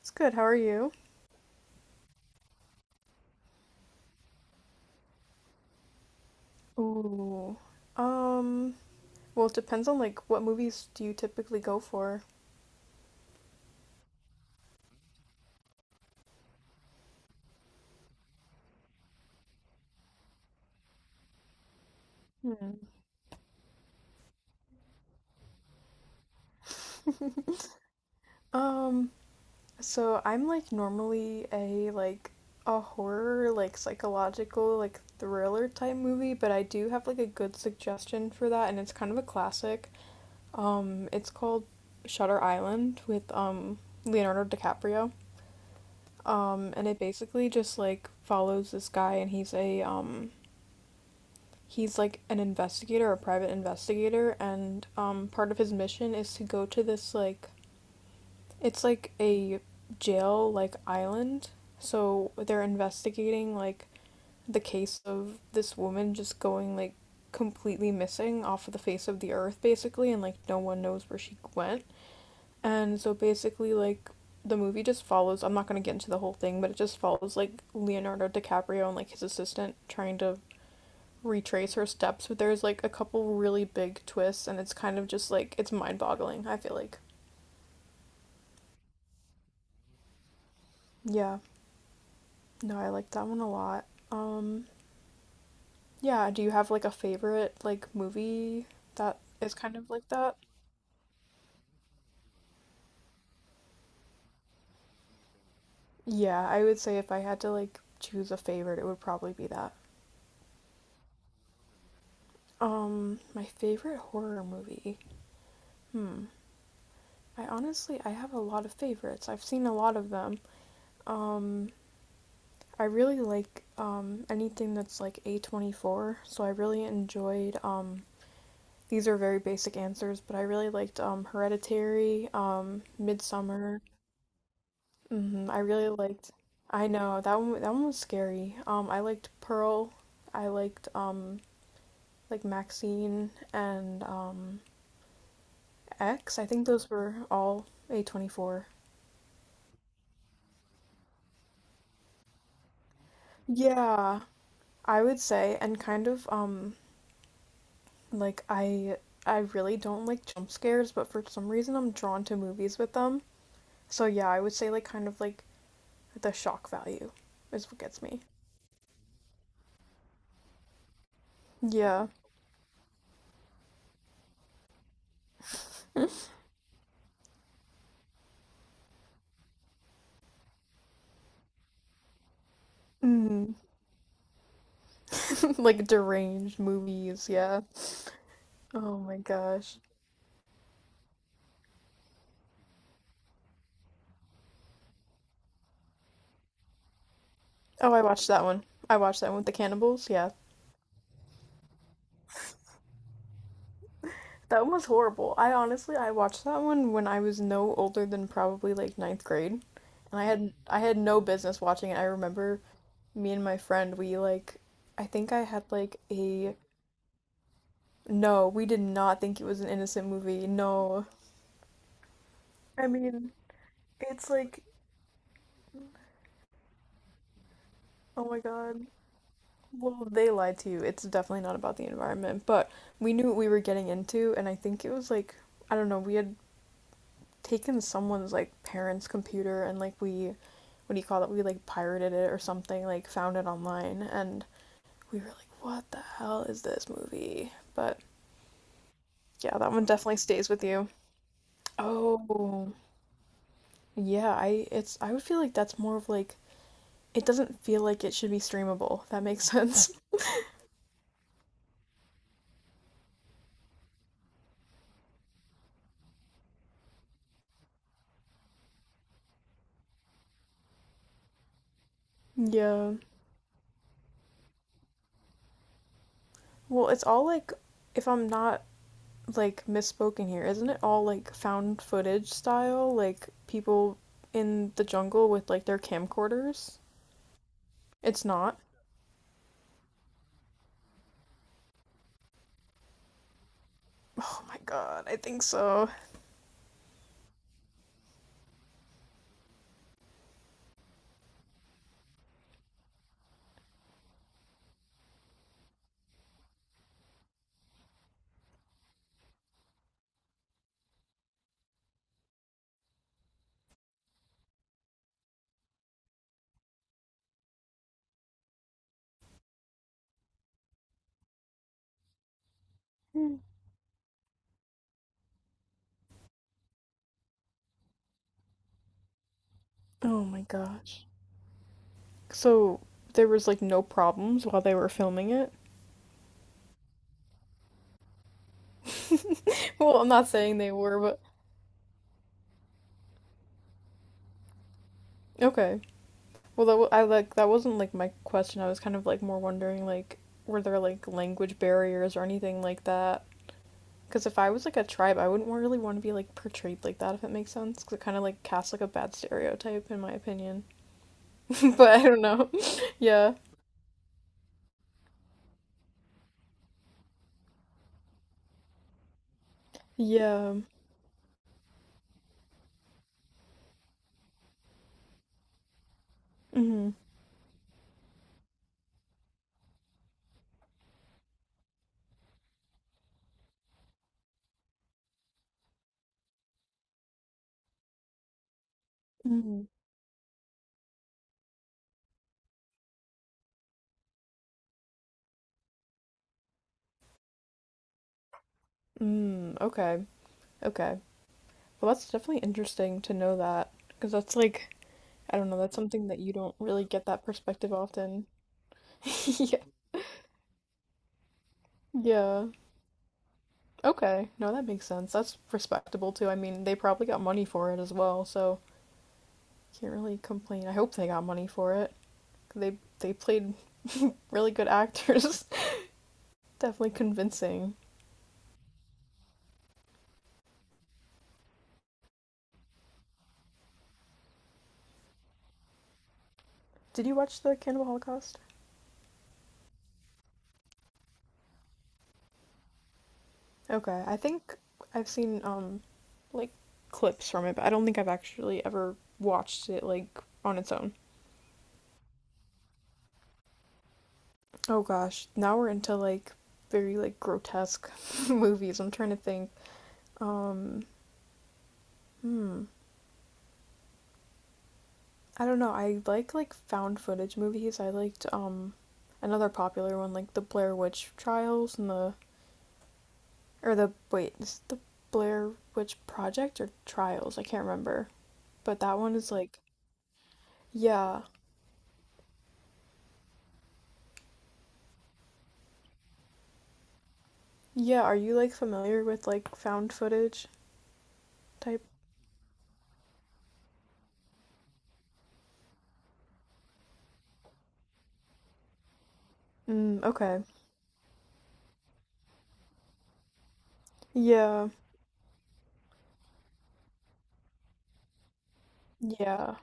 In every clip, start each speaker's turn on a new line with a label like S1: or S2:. S1: It's good. How are you? Ooh. Um, well, it depends on what movies do you typically go for? Hmm. Um, so I'm normally a horror, like psychological, like thriller type movie, but I do have like a good suggestion for that, and it's kind of a classic. It's called Shutter Island with Leonardo DiCaprio. And it basically just like follows this guy, and he's like an investigator, a private investigator, and part of his mission is to go to this like it's like a jail like island. So they're investigating like the case of this woman just going like completely missing off of the face of the earth basically, and like no one knows where she went. And so basically like the movie just follows, I'm not going to get into the whole thing, but it just follows like Leonardo DiCaprio and like his assistant trying to retrace her steps, but there's like a couple really big twists, and it's kind of just like it's mind boggling, I feel like. Yeah, no, I like that one a lot. Um, yeah, do you have like a favorite like movie that is kind of like that? Yeah, I would say if I had to like choose a favorite, it would probably be that. My favorite horror movie. I honestly, I have a lot of favorites. I've seen a lot of them. Um, I really like anything that's like A24, so I really enjoyed these are very basic answers, but I really liked Hereditary, Midsummer. Hmm, I really liked. I know that one. That one was scary. I liked Pearl. I liked like Maxine, and X. I think those were all A24. Yeah, I would say, and like I I really don't like jump scares, but for some reason I'm drawn to movies with them. So yeah, I would say like kind of like the shock value is what gets me. Yeah. Mm. Like deranged movies, yeah. Oh my gosh. Oh, I watched that one. I watched that one with the cannibals, yeah. That one was horrible. I honestly, I watched that one when I was no older than probably like ninth grade, and I had no business watching it. I remember me and my friend, we like, I think I had like a, no, we did not think it was an innocent movie. No. I mean, it's like, oh my God. Well, they lied to you. It's definitely not about the environment, but we knew what we were getting into, and I think it was like, I don't know, we had taken someone's like parents' computer, and like we, what do you call it? We like pirated it or something, like found it online, and we were like, what the hell is this movie? But yeah, that one definitely stays with you. Oh, yeah, I would feel like that's more of like it doesn't feel like it should be streamable. If that makes sense. Yeah. Well, it's all like if I'm not like misspoken here. Isn't it all like found footage style? Like people in the jungle with like their camcorders? It's not. Oh my god, I think so. Oh my gosh. So there was like no problems while they were filming it. Well, I'm not saying they were, but okay. Well, I like that wasn't like my question. I was kind of like more wondering like were there like language barriers or anything like that. Because if I was like a tribe, I wouldn't really want to be like portrayed like that, if it makes sense. Because it kind of like casts like a bad stereotype, in my opinion. But I don't know. Yeah. Yeah. Mm-hmm. Mm-hmm. Mm. Okay. Okay. Well, that's definitely interesting to know that. Because that's like, I don't know, that's something that you don't really get that perspective often. Yeah. Yeah. Okay. No, that makes sense. That's respectable too. I mean, they probably got money for it as well, so can't really complain. I hope they got money for it. They they played really good actors. Definitely convincing. Did you watch the Cannibal Holocaust? Okay, I think I've seen like clips from it, but I don't think I've actually ever watched it like on its own. Oh gosh, now we're into like very like grotesque movies. I'm trying to think. Um hmm. I don't know. I like found footage movies. I liked another popular one like the Blair Witch Trials, and the or the wait, is it the Blair Witch Project or Trials? I can't remember. But that one is like, yeah. Yeah, are you like familiar with like found footage type? Mm, okay. Yeah. Yeah.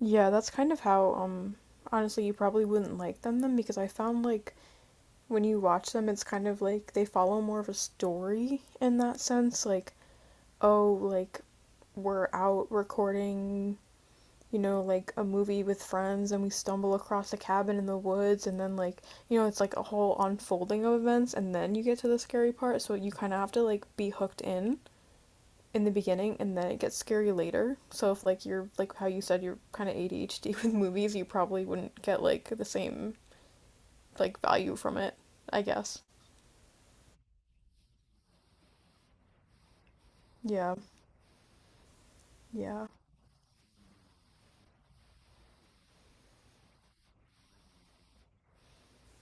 S1: Yeah, that's kind of how honestly you probably wouldn't like them then, because I found like when you watch them it's kind of like they follow more of a story in that sense, like oh like we're out recording, you know, like a movie with friends and we stumble across a cabin in the woods, and then like, you know, it's like a whole unfolding of events, and then you get to the scary part, so you kind of have to like be hooked in the beginning and then it gets scary later. So if like you're like how you said you're kind of ADHD with movies, you probably wouldn't get like the same like value from it, I guess. Yeah. Yeah.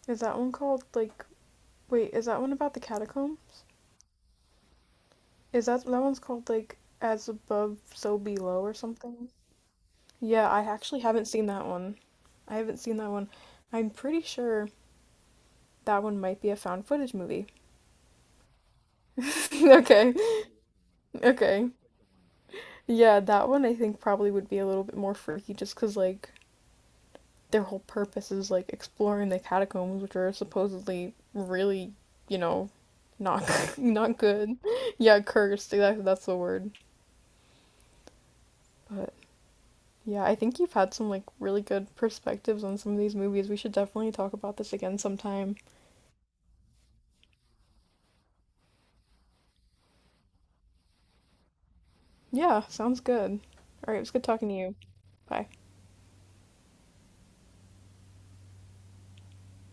S1: Is that one called like wait, is that one about the catacombs? Is that that one's called like as above so below or something? Yeah, I actually haven't seen that one. I haven't seen that one. I'm pretty sure that one might be a found footage movie. Okay. Okay. Yeah, that one I think probably would be a little bit more freaky just cause like their whole purpose is like exploring the catacombs, which are supposedly really, you know, not not good. Yeah, cursed. Exactly, that's the word. But yeah, I think you've had some like really good perspectives on some of these movies. We should definitely talk about this again sometime. Yeah, sounds good. All right, it was good talking to you. Bye.